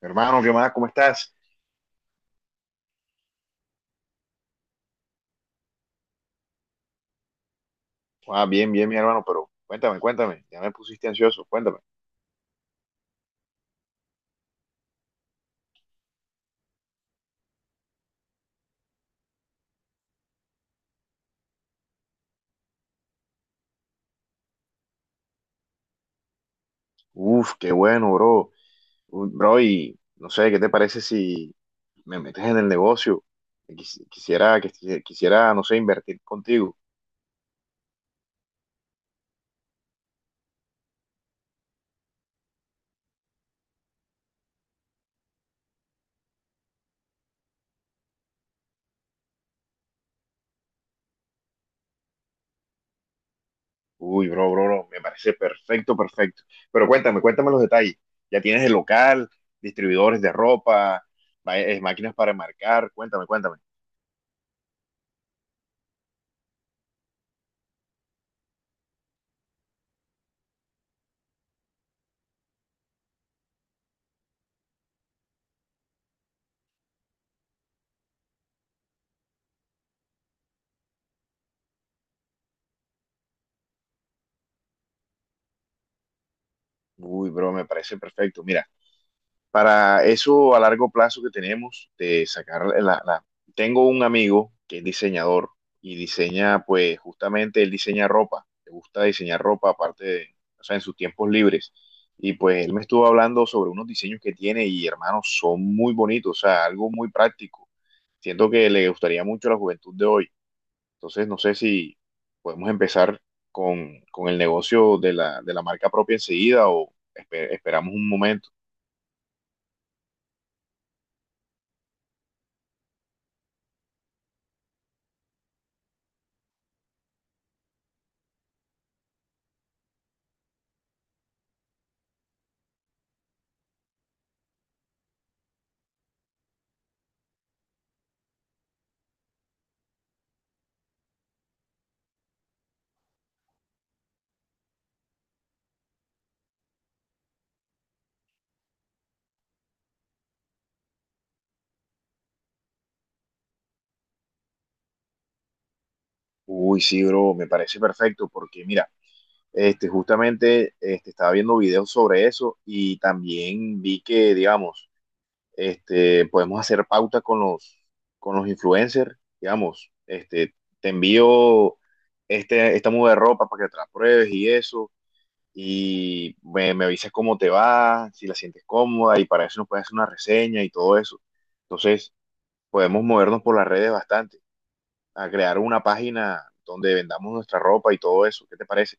Hermano, ¿qué más? ¿Cómo estás? Ah, bien, bien, mi hermano, pero cuéntame, cuéntame. Ya me pusiste ansioso, cuéntame. Uf, qué bueno, bro. Bro, y no sé, ¿qué te parece si me metes en el negocio? Quisiera, no sé, invertir contigo. Uy, bro, bro, bro, me parece perfecto, perfecto. Pero cuéntame, cuéntame los detalles. Ya tienes el local, distribuidores de ropa, máquinas para enmarcar, cuéntame, cuéntame. Uy, bro, me parece perfecto. Mira, para eso a largo plazo que tenemos de sacar Tengo un amigo que es diseñador y diseña, pues justamente él diseña ropa, le gusta diseñar ropa aparte de, o sea, en sus tiempos libres. Y pues él me estuvo hablando sobre unos diseños que tiene y hermanos, son muy bonitos, o sea, algo muy práctico. Siento que le gustaría mucho a la juventud de hoy. Entonces, no sé si podemos empezar con el negocio de la marca propia enseguida o esperamos un momento. Uy, sí, bro, me parece perfecto porque mira, estaba viendo videos sobre eso y también vi que, digamos, podemos hacer pauta con los influencers, digamos, te envío esta muda de ropa para que te la pruebes y eso, y me avisas cómo te va, si la sientes cómoda y para eso nos puedes hacer una reseña y todo eso. Entonces, podemos movernos por las redes bastante a crear una página donde vendamos nuestra ropa y todo eso. ¿Qué te parece?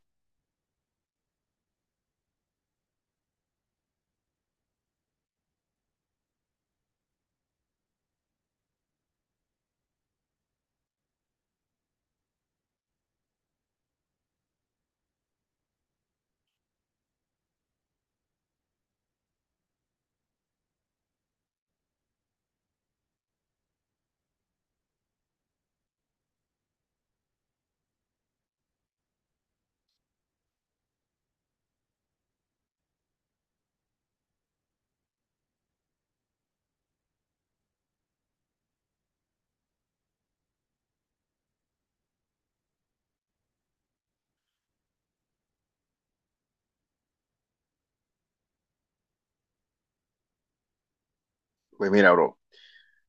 Pues mira, bro,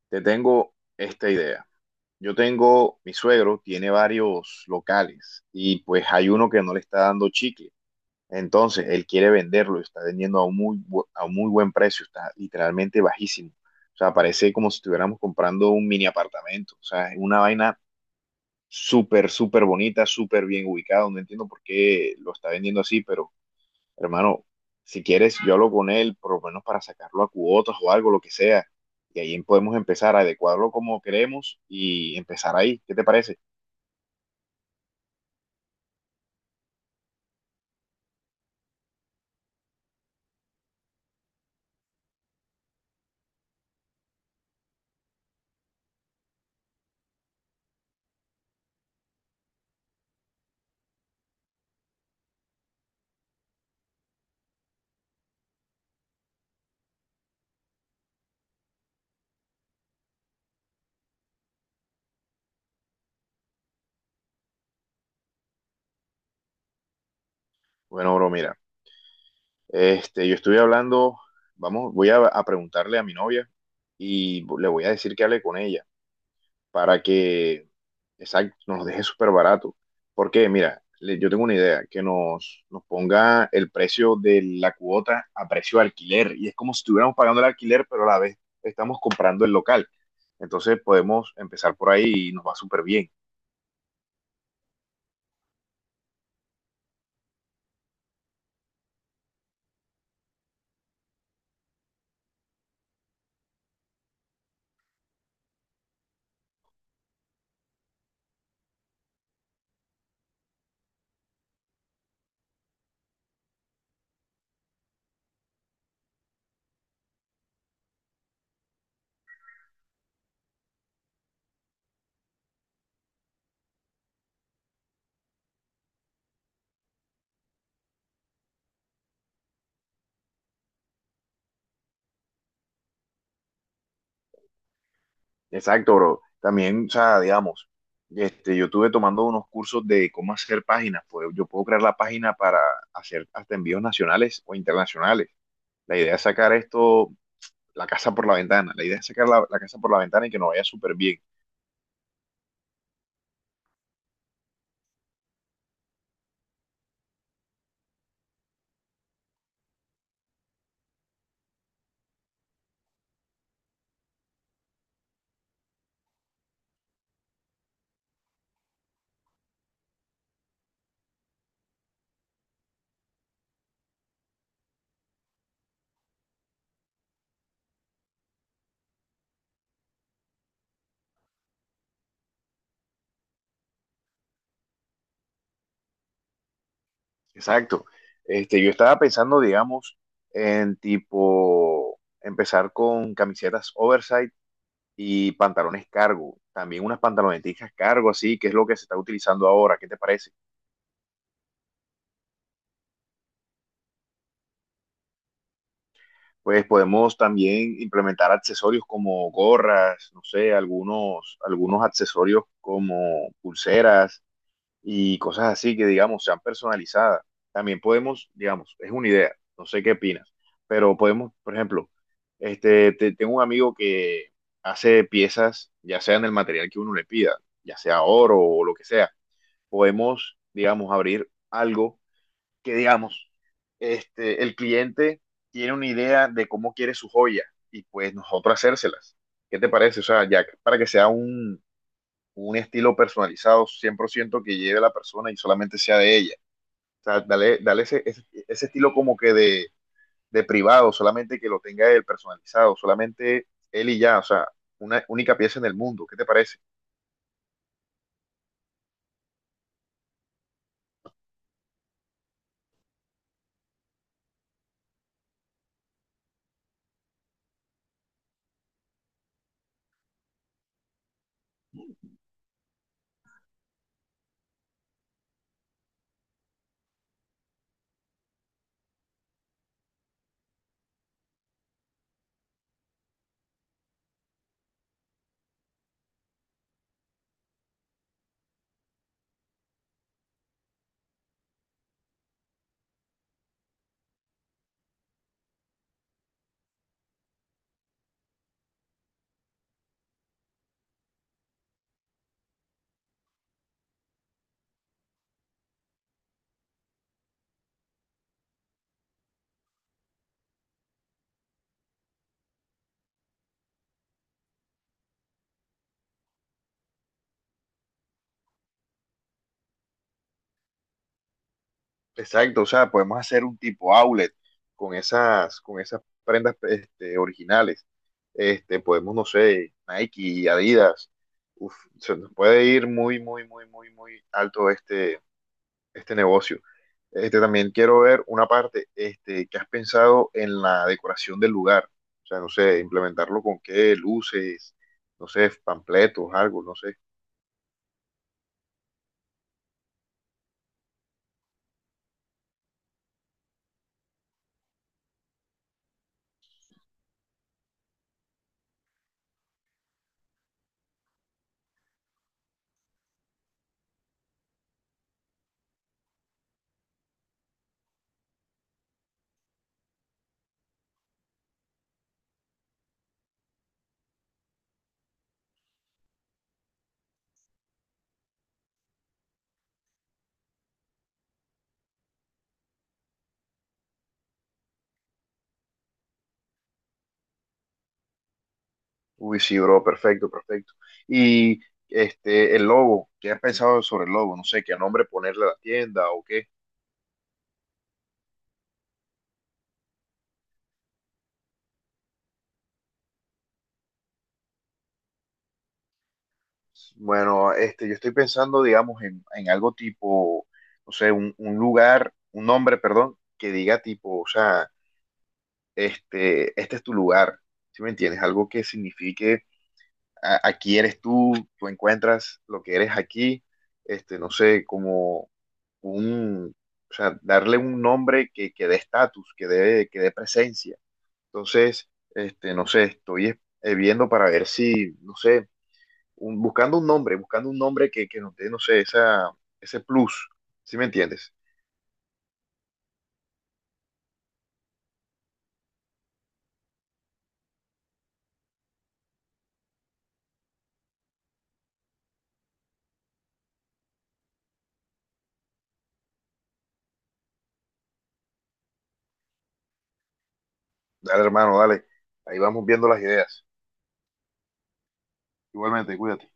te tengo esta idea. Mi suegro tiene varios locales y pues hay uno que no le está dando chicle. Entonces, él quiere venderlo y está vendiendo a un muy buen precio, está literalmente bajísimo. O sea, parece como si estuviéramos comprando un mini apartamento. O sea, es una vaina súper, súper bonita, súper bien ubicada. No entiendo por qué lo está vendiendo así, pero hermano, si quieres, yo hablo con él, por lo menos para sacarlo a cuotas o algo, lo que sea. Y ahí podemos empezar a adecuarlo como queremos y empezar ahí. ¿Qué te parece? Bueno, bro, mira, yo estuve hablando, vamos, a preguntarle a mi novia y le voy a decir que hable con ella, para que, exacto, nos los deje súper barato. Porque, mira, yo tengo una idea, que nos ponga el precio de la cuota a precio de alquiler. Y es como si estuviéramos pagando el alquiler, pero a la vez estamos comprando el local. Entonces podemos empezar por ahí y nos va súper bien. Exacto, bro. También, o sea, digamos, yo estuve tomando unos cursos de cómo hacer páginas. Pues yo puedo crear la página para hacer hasta envíos nacionales o internacionales. La idea es sacar esto la casa por la ventana. La idea es sacar la casa por la ventana y que nos vaya súper bien. Exacto. Yo estaba pensando, digamos, en tipo empezar con camisetas oversize y pantalones cargo. También unas pantaloneticas cargo, así, que es lo que se está utilizando ahora. ¿Qué te parece? Pues podemos también implementar accesorios como gorras, no sé, algunos accesorios como pulseras y cosas así que, digamos, sean personalizadas. También podemos, digamos, es una idea, no sé qué opinas, pero podemos, por ejemplo, tengo un amigo que hace piezas, ya sea en el material que uno le pida, ya sea oro o lo que sea. Podemos, digamos, abrir algo que, digamos, el cliente tiene una idea de cómo quiere su joya y pues nosotros hacérselas. ¿Qué te parece? O sea, ya para que sea un estilo personalizado 100% que lleve a la persona y solamente sea de ella. O sea, dale ese estilo como que de, privado, solamente que lo tenga él personalizado, solamente él y ya, o sea, una única pieza en el mundo. ¿Qué te parece? Exacto, o sea, podemos hacer un tipo outlet con con esas prendas originales. Podemos, no sé, Nike, Adidas. Uf, se nos puede ir muy, muy, muy, muy, muy alto este negocio. Este, también quiero ver una parte, este, ¿que has pensado en la decoración del lugar? O sea, no sé, implementarlo con qué, luces, no sé, panfletos, algo, no sé. Uy, sí, bro, perfecto, perfecto. Y el logo, ¿qué has pensado sobre el logo? No sé, qué nombre ponerle a la tienda o qué. Bueno, yo estoy pensando, digamos, en algo tipo, no sé, un lugar, un nombre, perdón, que diga tipo, o sea, este es tu lugar, ¿sí me entiendes? Algo que signifique aquí eres tú, tú encuentras lo que eres aquí, no sé, como un, o sea, darle un nombre que dé estatus, que dé presencia. Entonces, no sé, viendo para ver si, no sé, buscando un nombre que nos dé, no sé, esa, ese plus, ¿sí me entiendes? Dale, hermano, dale, ahí vamos viendo las ideas. Igualmente, cuídate.